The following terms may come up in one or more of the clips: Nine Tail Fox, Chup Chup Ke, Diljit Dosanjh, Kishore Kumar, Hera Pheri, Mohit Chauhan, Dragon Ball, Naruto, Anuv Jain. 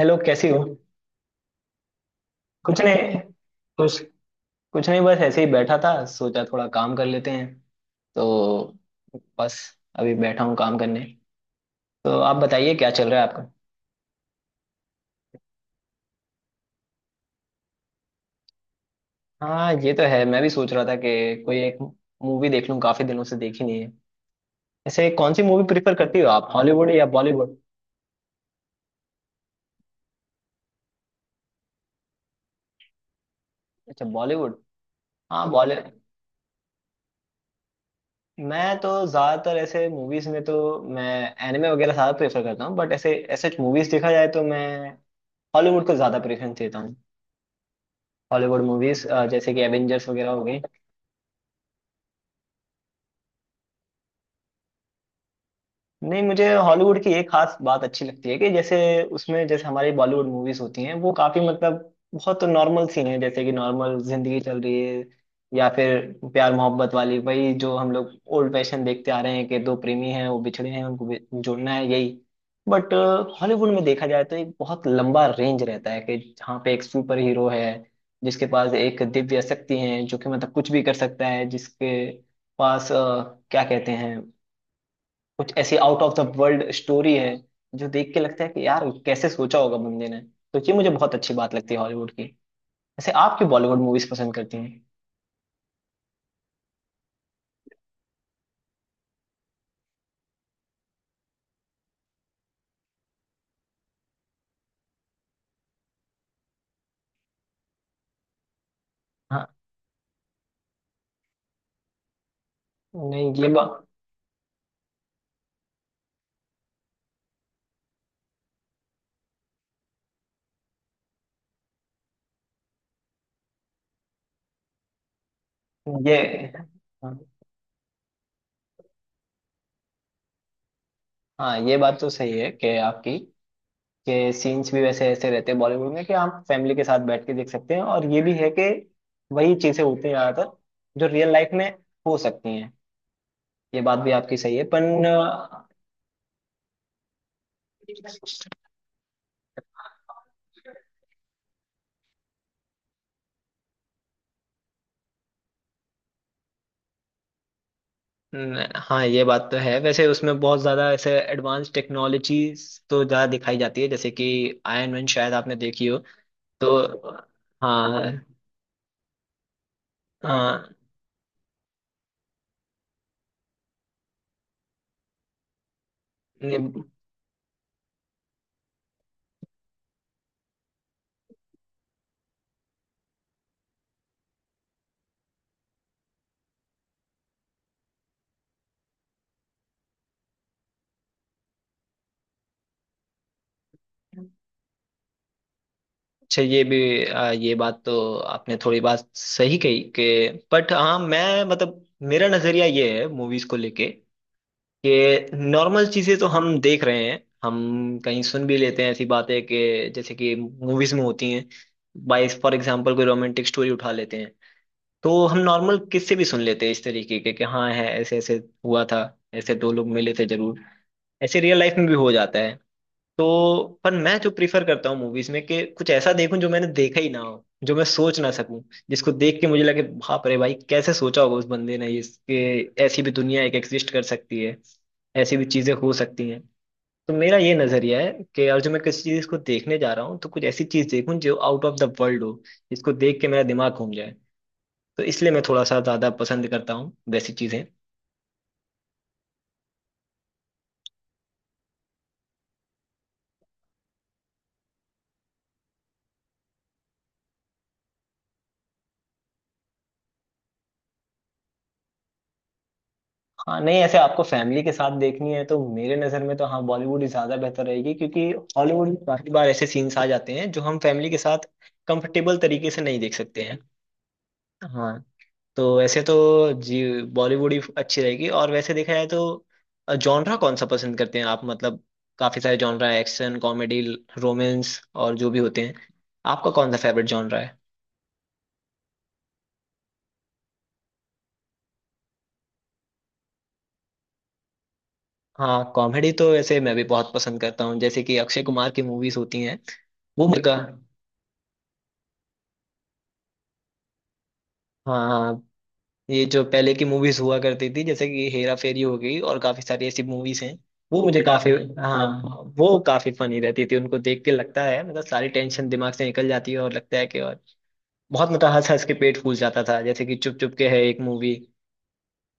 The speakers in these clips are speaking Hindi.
हेलो, कैसी हो। कुछ नहीं। कुछ कुछ नहीं, बस ऐसे ही बैठा था, सोचा थोड़ा काम कर लेते हैं। तो बस, अभी बैठा हूँ काम करने। तो आप बताइए, क्या चल रहा है आपका। हाँ, ये तो है। मैं भी सोच रहा था कि कोई एक मूवी देख लूँ, काफी दिनों से देखी नहीं है। ऐसे कौन सी मूवी प्रिफर करती हो आप, हॉलीवुड या बॉलीवुड? अच्छा, बॉलीवुड। हाँ, बॉलीवुड। मैं तो ज्यादातर ऐसे मूवीज में तो मैं एनिमे वगैरह ज्यादा प्रेफर करता हूँ, बट ऐसे ऐसे मूवीज देखा जाए तो मैं हॉलीवुड को ज्यादा प्रेफरेंस देता हूँ। हॉलीवुड मूवीज जैसे कि एवेंजर्स वगैरह हो गई। नहीं, मुझे हॉलीवुड की एक खास बात अच्छी लगती है कि जैसे उसमें, जैसे हमारी बॉलीवुड मूवीज होती हैं वो काफी मतलब बहुत नॉर्मल सीन है, जैसे कि नॉर्मल जिंदगी चल रही है या फिर प्यार मोहब्बत वाली, वही जो हम लोग ओल्ड फैशन देखते आ रहे हैं कि दो प्रेमी हैं वो बिछड़े हैं उनको जोड़ना है, यही। बट हॉलीवुड में देखा जाए तो एक बहुत लंबा रेंज रहता है कि जहाँ पे एक सुपर हीरो है जिसके पास एक दिव्य शक्ति है जो कि मतलब कुछ भी कर सकता है, जिसके पास क्या कहते हैं, कुछ ऐसी out of the world story है जो देख के लगता है कि यार कैसे सोचा होगा बंदे ने। तो ये मुझे बहुत अच्छी बात लगती है हॉलीवुड की। वैसे आप क्यों बॉलीवुड मूवीज पसंद करती हैं? हाँ नहीं ये बात ये हाँ हाँ, ये बात तो सही है कि आपकी कि सीन्स भी वैसे ऐसे रहते हैं बॉलीवुड में कि आप फैमिली के साथ बैठ के देख सकते हैं, और ये भी है कि वही चीजें होती हैं ज्यादातर जो रियल लाइफ में हो सकती हैं। ये बात भी आपकी सही है। पर हाँ ये बात तो है, वैसे उसमें बहुत ज़्यादा ऐसे एडवांस टेक्नोलॉजीज तो ज़्यादा दिखाई जाती है, जैसे कि आयरन मैन शायद आपने देखी हो। तो हाँ हाँ, ये- अच्छा, ये भी ये बात तो आपने थोड़ी बात सही कही कि, बट हाँ मैं मतलब मेरा नज़रिया ये है मूवीज को लेके, कि नॉर्मल चीज़ें तो हम देख रहे हैं, हम कहीं सुन भी लेते हैं ऐसी बातें कि जैसे कि मूवीज में होती हैं। बाई फॉर एग्जाम्पल कोई रोमांटिक स्टोरी उठा लेते हैं, तो हम नॉर्मल किससे भी सुन लेते हैं इस तरीके के कि हाँ, है ऐसे ऐसे हुआ था। ऐसे दो लोग मिले थे जरूर, ऐसे रियल लाइफ में भी हो जाता है। तो पर मैं जो प्रीफर करता हूँ मूवीज में कि कुछ ऐसा देखूं जो मैंने देखा ही ना हो, जो मैं सोच ना सकूं, जिसको देख के मुझे लगे बाप रे भाई, कैसे सोचा होगा उस बंदे ने इसके। ऐसी भी दुनिया एक एग्जिस्ट कर सकती है, ऐसी भी चीजें हो सकती हैं। तो मेरा ये नजरिया है कि अगर जो मैं किसी चीज को देखने जा रहा हूँ तो कुछ ऐसी चीज देखूं जो आउट ऑफ द वर्ल्ड हो, जिसको देख के मेरा दिमाग घूम। तो इसलिए मैं थोड़ा सा ज्यादा पसंद करता हूँ वैसी चीजें। हाँ नहीं, ऐसे आपको फैमिली के साथ देखनी है तो मेरे नजर में तो हाँ, बॉलीवुड ही ज्यादा बेहतर रहेगी, क्योंकि हॉलीवुड में काफी बार ऐसे सीन्स आ जाते हैं जो हम फैमिली के साथ कंफर्टेबल तरीके से नहीं देख सकते हैं। हाँ। तो ऐसे तो जी, बॉलीवुड ही अच्छी रहेगी। और वैसे देखा जाए तो जॉनरा कौन सा पसंद करते हैं आप, मतलब काफी सारे जॉनरा, एक्शन, कॉमेडी, रोमांस और जो भी होते हैं, आपका कौन सा फेवरेट जॉनरा है? हाँ, कॉमेडी तो वैसे मैं भी बहुत पसंद करता हूँ, जैसे कि अक्षय कुमार की मूवीज होती हैं। वो मेरे का हाँ हाँ, ये जो पहले की मूवीज हुआ करती थी जैसे कि हेरा फेरी हो गई, और काफी सारी ऐसी मूवीज हैं। वो मुझे काफी हाँ, वो काफी फनी रहती थी, उनको देख के लगता है मतलब सारी टेंशन दिमाग से निकल जाती है, और लगता है कि और बहुत मतलब हंस हंस के पेट फूल जाता था, जैसे कि चुप चुप के है एक मूवी,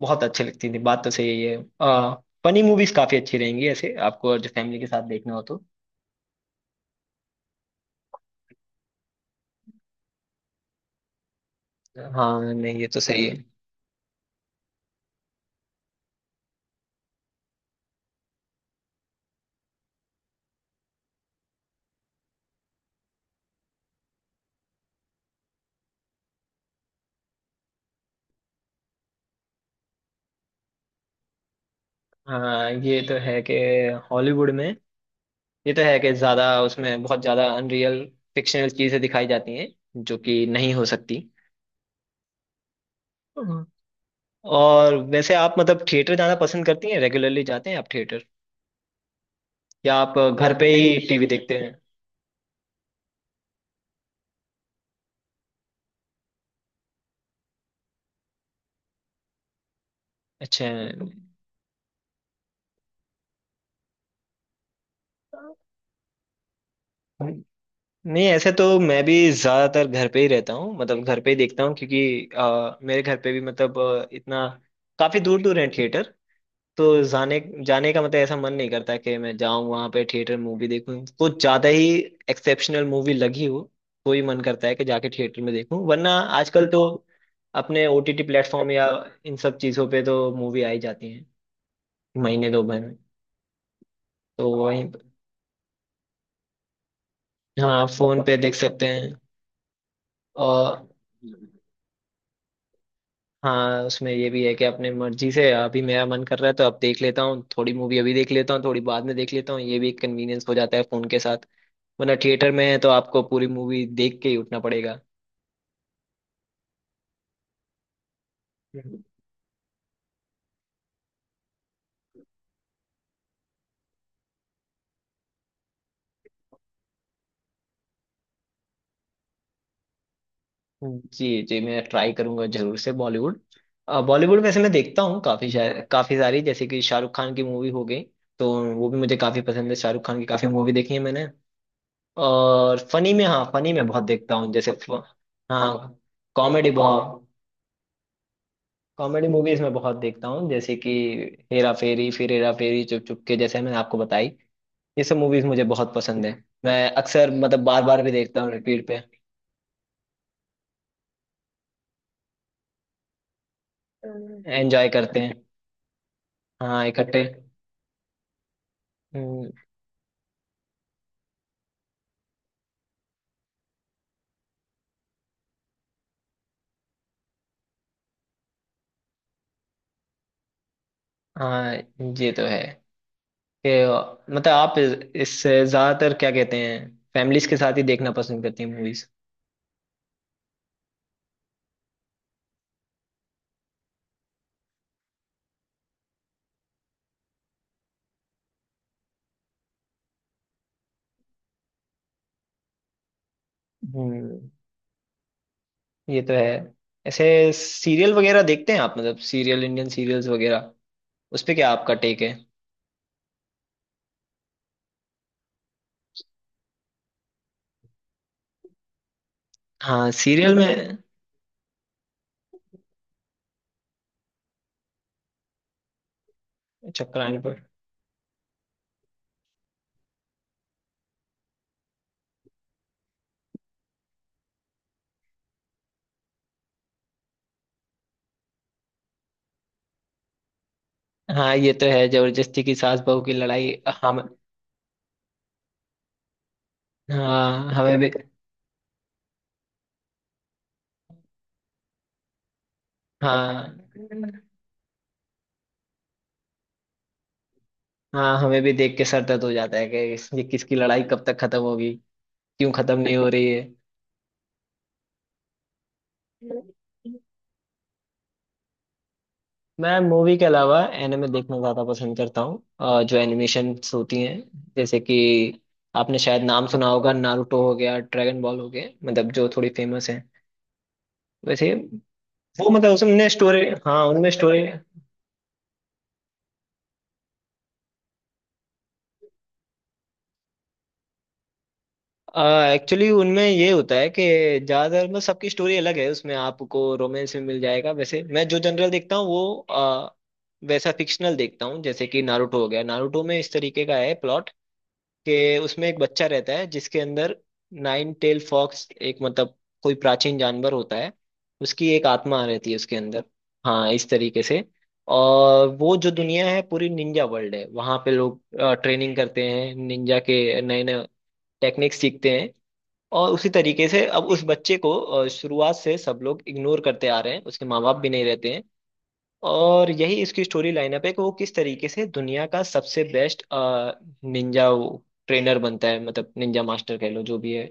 बहुत अच्छी लगती थी, बात तो सही है। आ, फनी मूवीज काफी अच्छी रहेंगी ऐसे आपको, और जो फैमिली के साथ देखना हो तो। हाँ नहीं, ये तो सही है। हाँ ये तो है कि हॉलीवुड में, ये तो है कि ज्यादा उसमें बहुत ज्यादा अनरियल फिक्शनल चीजें दिखाई जाती हैं, जो कि नहीं हो सकती। हम्म। और वैसे आप मतलब थिएटर जाना पसंद करती हैं, रेगुलरली जाते हैं आप थिएटर, या आप घर पे ही टीवी देखते हैं? अच्छा। नहीं, ऐसे तो मैं भी ज्यादातर घर पे ही रहता हूँ, मतलब घर पे ही देखता हूँ, क्योंकि मेरे घर पे भी मतलब इतना काफी दूर दूर है थिएटर। तो जाने जाने का मतलब ऐसा मन नहीं करता कि मैं जाऊं वहां पे थिएटर मूवी देखूं, कुछ ज्यादा ही एक्सेप्शनल मूवी लगी हो तो ही मन करता है कि जाके थिएटर में देखूं, वरना आजकल तो अपने ओटीटी प्लेटफॉर्म या इन सब चीजों पे तो मूवी आई जाती है महीने दो महीने में। तो वहीं, हाँ, फोन पे देख सकते हैं। और हाँ, उसमें ये भी है कि अपने मर्जी से अभी मेरा मन कर रहा है तो अब देख लेता हूँ थोड़ी मूवी, अभी देख लेता हूँ थोड़ी, बाद में देख लेता हूँ, ये भी एक कन्वीनियंस हो जाता है फोन के साथ। वरना थिएटर में है तो आपको पूरी मूवी देख के ही उठना पड़ेगा। हम्म। हम्म। जी जी, मैं ट्राई करूंगा जरूर से बॉलीवुड। बॉलीवुड वैसे मैं देखता हूँ काफी, काफी सारी जैसे कि शाहरुख खान की मूवी हो गई। तो वो भी मुझे काफी पसंद है, शाहरुख खान की काफी मूवी देखी है मैंने। और फनी में, हाँ फनी में बहुत देखता हूँ, जैसे हाँ, कॉमेडी बहुत, कॉमेडी मूवीज में बहुत देखता हूँ, जैसे कि हेरा फेरी, फिर हेरा फेरी, चुप चुप के, जैसे मैंने आपको बताई, ये सब मूवीज मुझे बहुत पसंद है। मैं अक्सर मतलब बार बार भी देखता हूँ रिपीट पे। एंजॉय करते हैं। हाँ, इकट्ठे। हम्म। हाँ ये तो है कि मतलब आप इससे ज्यादातर क्या कहते हैं, फैमिलीज के साथ ही देखना पसंद करती हैं मूवीज? हम्म। ये तो है। ऐसे सीरियल वगैरह देखते हैं आप, मतलब सीरियल, इंडियन सीरियल्स वगैरह, उस पे क्या आपका टेक है? हाँ सीरियल में अच्छा, क्राइम पर। हाँ ये तो है, जबरदस्ती की सास बहू की लड़ाई। हम। हाँ, हमें भी। हाँ हाँ, हमें भी देख के सर दर्द हो जाता है कि ये किसकी लड़ाई कब तक खत्म होगी, क्यों खत्म नहीं हो रही है। मैं मूवी के अलावा एनिमे देखना ज्यादा पसंद करता हूँ, जो एनिमेशन होती हैं, जैसे कि आपने शायद नाम सुना होगा, नारुतो हो गया, ड्रैगन बॉल हो गया, मतलब जो थोड़ी फेमस है वैसे। वो मतलब उसमें स्टोरी हाँ, उनमें स्टोरी एक्चुअली उनमें ये होता है कि ज्यादातर मतलब सबकी स्टोरी अलग है, उसमें आपको रोमांस में मिल जाएगा, वैसे मैं जो जनरल देखता हूँ वो वैसा फिक्शनल देखता हूँ, जैसे कि नारुतो हो गया। नारुतो में इस तरीके का है प्लॉट, कि उसमें एक बच्चा रहता है जिसके अंदर नाइन टेल फॉक्स, एक मतलब कोई प्राचीन जानवर होता है, उसकी एक आत्मा रहती है उसके अंदर। हाँ, इस तरीके से। और वो जो दुनिया है पूरी निंजा वर्ल्ड है, वहां पे लोग ट्रेनिंग करते हैं, निंजा के नए नए टेक्निक्स सीखते हैं। और उसी तरीके से अब उस बच्चे को शुरुआत से सब लोग इग्नोर करते आ रहे हैं, उसके माँ बाप भी नहीं रहते हैं। और यही इसकी स्टोरी लाइनअप है कि वो किस तरीके से दुनिया का सबसे बेस्ट निंजा ट्रेनर बनता है, मतलब निंजा मास्टर कह लो जो भी है।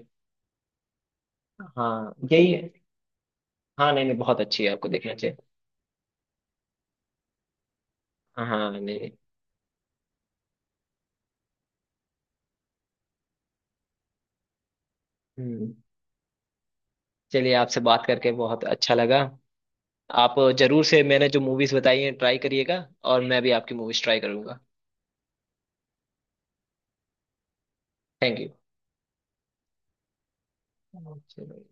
हाँ, यही है। हाँ नहीं नहीं, बहुत अच्छी है, आपको देखना चाहिए। हाँ नहीं नहीं। हम्म। चलिए, आपसे बात करके बहुत अच्छा लगा। आप जरूर से मैंने जो मूवीज बताई हैं ट्राई करिएगा, और मैं भी आपकी मूवीज ट्राई करूंगा। Thank you.